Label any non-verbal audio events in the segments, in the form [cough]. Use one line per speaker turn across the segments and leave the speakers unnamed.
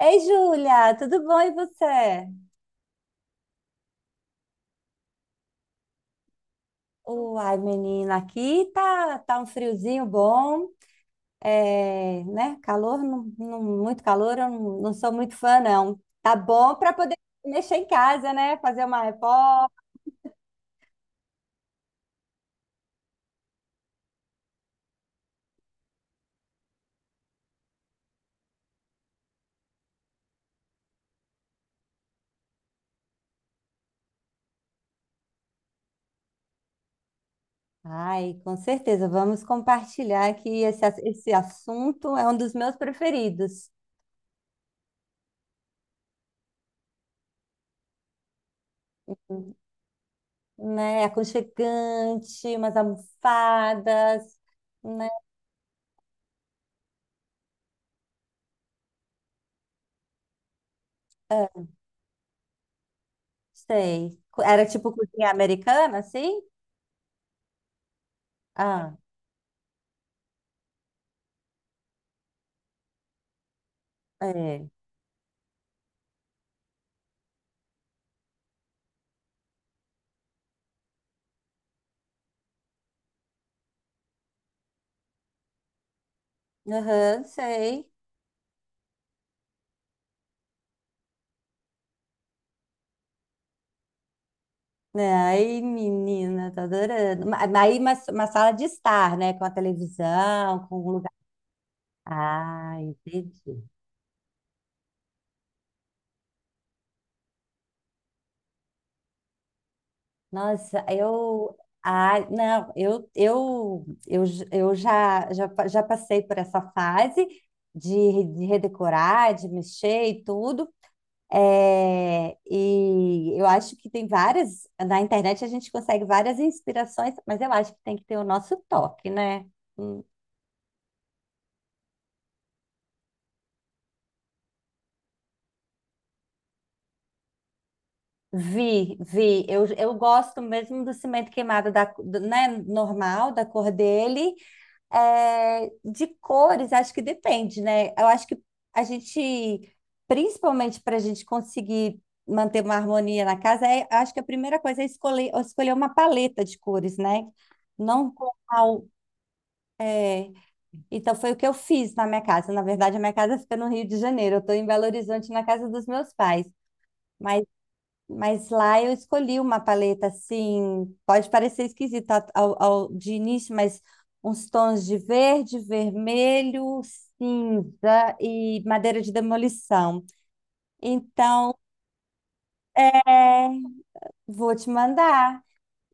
Ei, Júlia, tudo bom e você? Uai, menina, aqui tá um friozinho bom, é, né? Calor, muito calor, eu não sou muito fã, não. Tá bom para poder mexer em casa, né? Fazer uma reforma. Ai, com certeza, vamos compartilhar que esse assunto é um dos meus preferidos, né? É aconchegante, umas almofadas, né? É. Sei. Era tipo cozinha americana, assim? Ah, é. Aham, sei. Né? Ai, menina, tô adorando. Aí uma sala de estar, né? Com a televisão, com um lugar. Ah, entendi. Nossa, eu. Ah, não, eu já passei por essa fase de redecorar, de mexer e tudo. É, e eu acho que tem várias, na internet a gente consegue várias inspirações, mas eu acho que tem que ter o nosso toque, né? Hum. Vi, eu gosto mesmo do cimento queimado né, normal, da cor dele. É, de cores, acho que depende, né? Eu acho que a gente, principalmente para a gente conseguir manter uma harmonia na casa, é, acho que a primeira coisa é escolher uma paleta de cores, né? Não. É, então foi o que eu fiz na minha casa. Na verdade, a minha casa fica no Rio de Janeiro. Eu estou em Belo Horizonte, na casa dos meus pais. Mas, mas lá eu escolhi uma paleta assim, pode parecer esquisito de início, mas uns tons de verde, vermelho, cinza e madeira de demolição. Então, é, vou te mandar.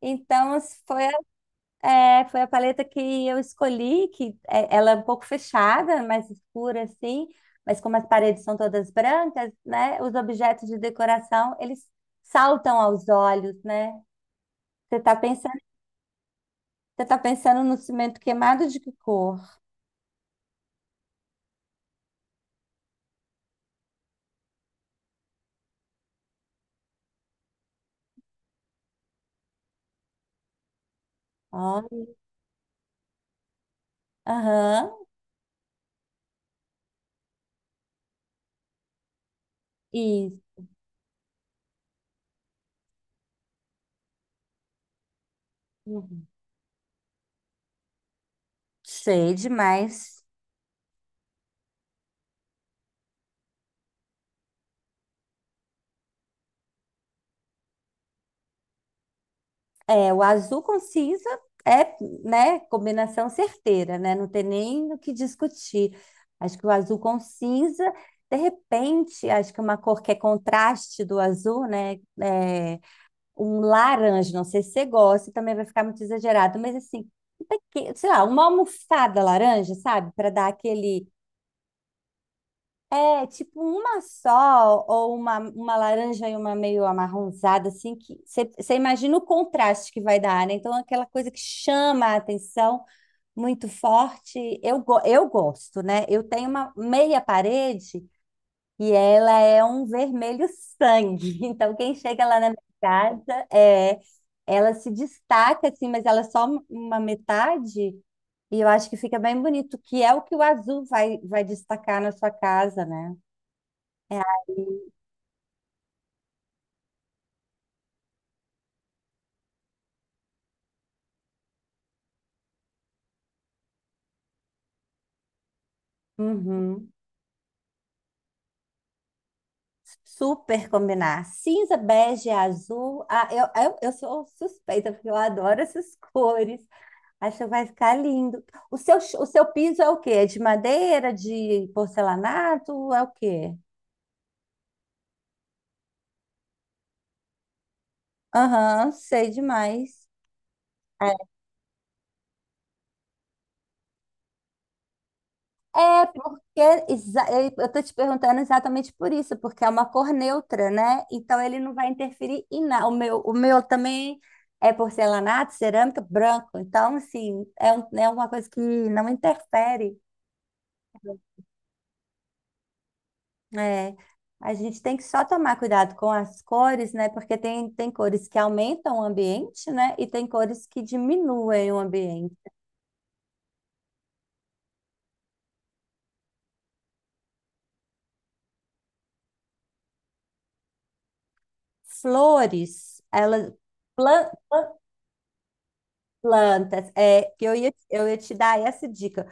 Então, foi. É, foi a paleta que eu escolhi, ela é um pouco fechada, mais escura assim, mas como as paredes são todas brancas, né, os objetos de decoração, eles saltam aos olhos, né? Você tá pensando, você tá pensando no cimento queimado de que cor? Olha, aham, isso. Uhum. Sei demais. É, o azul com cinza é, né, combinação certeira, né? Não tem nem o que discutir. Acho que o azul com cinza, de repente, acho que uma cor que é contraste do azul, né? É, um laranja, não sei se você gosta, também vai ficar muito exagerado, mas assim, um pequeno, sei lá, uma almofada laranja, sabe? Para dar aquele é tipo uma só, ou uma laranja e uma meio amarronzada, assim, que você imagina o contraste que vai dar, né? Então, aquela coisa que chama a atenção muito forte. Eu gosto, né? Eu tenho uma meia parede e ela é um vermelho sangue. [laughs] Então, quem chega lá na minha casa, é, ela se destaca, assim, mas ela é só uma metade. E eu acho que fica bem bonito, que é o que o azul vai destacar na sua casa, né? É aí. Uhum. Super combinar. Cinza, bege, azul. Ah, eu sou suspeita, porque eu adoro essas [laughs] cores. Acho que vai ficar lindo. O seu piso é o quê? É de madeira, de porcelanato? É o quê? Aham, sei demais. É porque é, eu estou te perguntando exatamente por isso, porque é uma cor neutra, né? Então ele não vai interferir em nada. O meu também é porcelanato, cerâmica, branco. Então, assim, é, é uma coisa que não interfere. É, a gente tem que só tomar cuidado com as cores, né? Porque tem cores que aumentam o ambiente, né? E tem cores que diminuem o ambiente. Flores, elas. plan- plan- Plantas, é que eu ia te dar essa dica.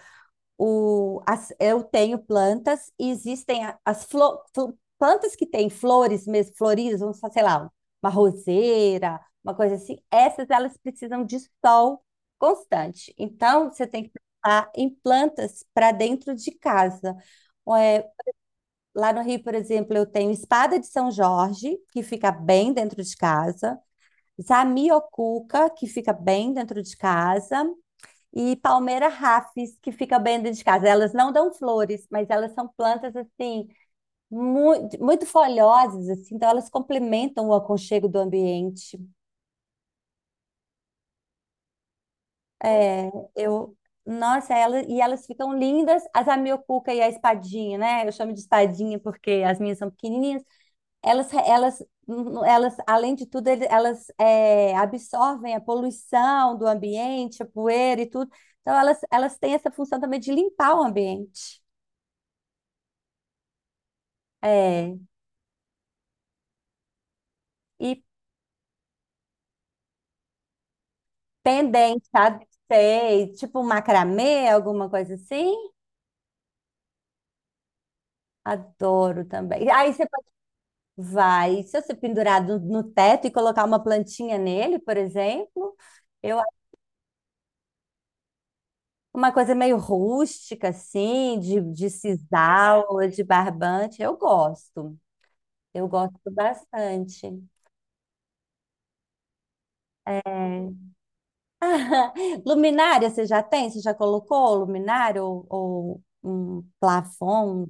Eu tenho plantas e existem plantas que têm flores mesmo, floridas, vamos falar, sei lá, uma roseira, uma coisa assim. Essas elas precisam de sol constante. Então, você tem que pensar em plantas para dentro de casa. É, lá no Rio, por exemplo, eu tenho espada de São Jorge, que fica bem dentro de casa. Zamioculca, que fica bem dentro de casa, e palmeira rafis, que fica bem dentro de casa. Elas não dão flores, mas elas são plantas assim muito, muito folhosas, assim, então elas complementam o aconchego do ambiente. É, eu, nossa, elas, e elas ficam lindas, as a miocuca e a espadinha, né? Eu chamo de espadinha porque as minhas são pequenininhas. Elas, elas, elas, além de tudo, elas é, absorvem a poluição do ambiente, a poeira e tudo. Então elas têm essa função também de limpar o ambiente. É. E pendente, sabe? Sei, tipo macramê, alguma coisa assim. Adoro também. Aí você pode. Vai, se você pendurar no teto e colocar uma plantinha nele, por exemplo, eu acho uma coisa meio rústica, assim, de sisal, ou de barbante, eu gosto. Eu gosto bastante. [laughs] Luminária, você já tem? Você já colocou luminária ou, um plafon?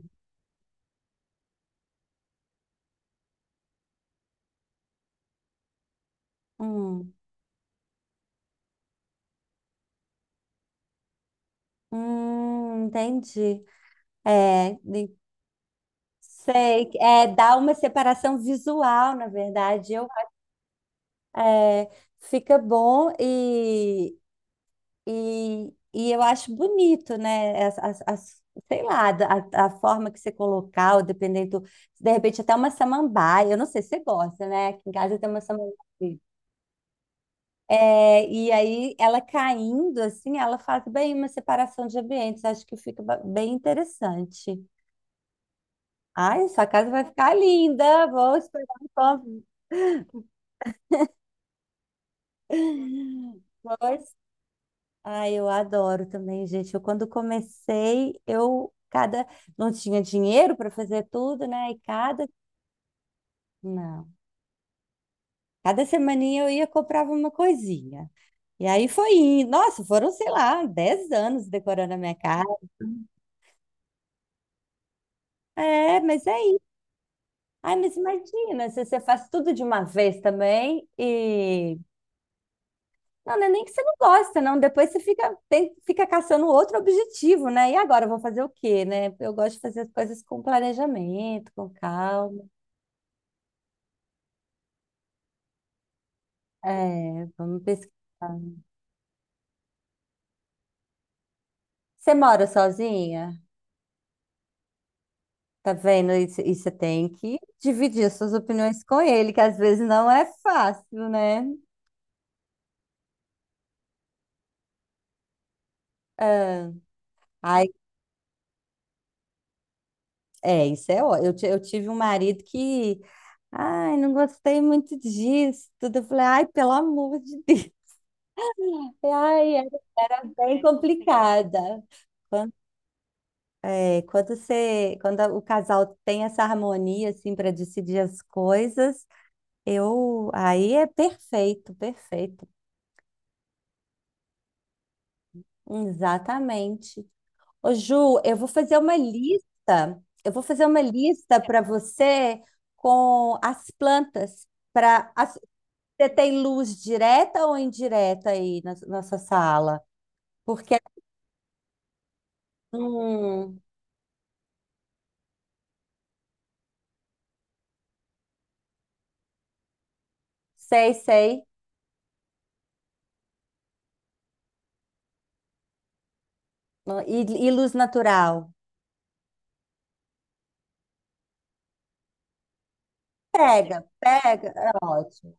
Hum. Entendi. É, de- sei. É, dá uma separação visual, na verdade. Eu, é, fica bom e eu acho bonito, né? Sei lá, a forma que você colocar, ou dependendo, de repente até uma samambaia. Eu não sei se você gosta, né? Aqui em casa tem uma samambaia. É, e aí ela caindo assim, ela faz bem uma separação de ambientes. Acho que fica bem interessante. Ai, sua casa vai ficar linda. Vou esperar um pouco. Pois. Ai, eu adoro também, gente. Eu quando comecei, eu cada não tinha dinheiro para fazer tudo, né? E cada não, cada semaninha eu ia comprava uma coisinha. E aí foi indo. Nossa, foram, sei lá, 10 anos decorando a minha casa. É, mas é isso. Ai, mas imagina, se você faz tudo de uma vez também e. Não, não é nem que você não gosta, não. Depois você fica, fica caçando outro objetivo, né? E agora eu vou fazer o quê, né? Eu gosto de fazer as coisas com planejamento, com calma. É, vamos pesquisar. Você mora sozinha? Tá vendo? E você tem que dividir as suas opiniões com ele, que às vezes não é fácil, né? Ah, ai, é, isso é ó. Eu tive um marido que, ai, não gostei muito disso, tudo. Eu falei, ai, pelo amor de Deus. [laughs] Ai, bem complicada. Quando, é, quando o casal tem essa harmonia assim para decidir as coisas, eu aí é perfeito, perfeito. Exatamente. Ô, Ju, eu vou fazer uma lista. Eu vou fazer uma lista para você com as plantas para. Você tem luz direta ou indireta aí na nossa sala? Porque hum, sei, sei. E luz natural. Pega, pega, é ótimo.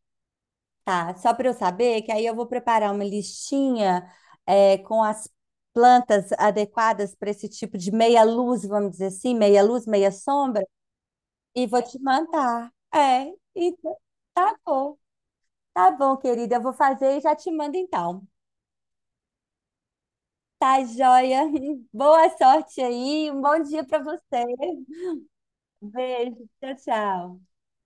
Tá, só para eu saber que aí eu vou preparar uma listinha é, com as plantas adequadas para esse tipo de meia luz, vamos dizer assim, meia luz, meia sombra, e vou te mandar. É, então, tá bom, tá bom, querida, eu vou fazer e já te mando então. Tá, joia? [laughs] Boa sorte aí, um bom dia para você. Beijo, tchau, tchau.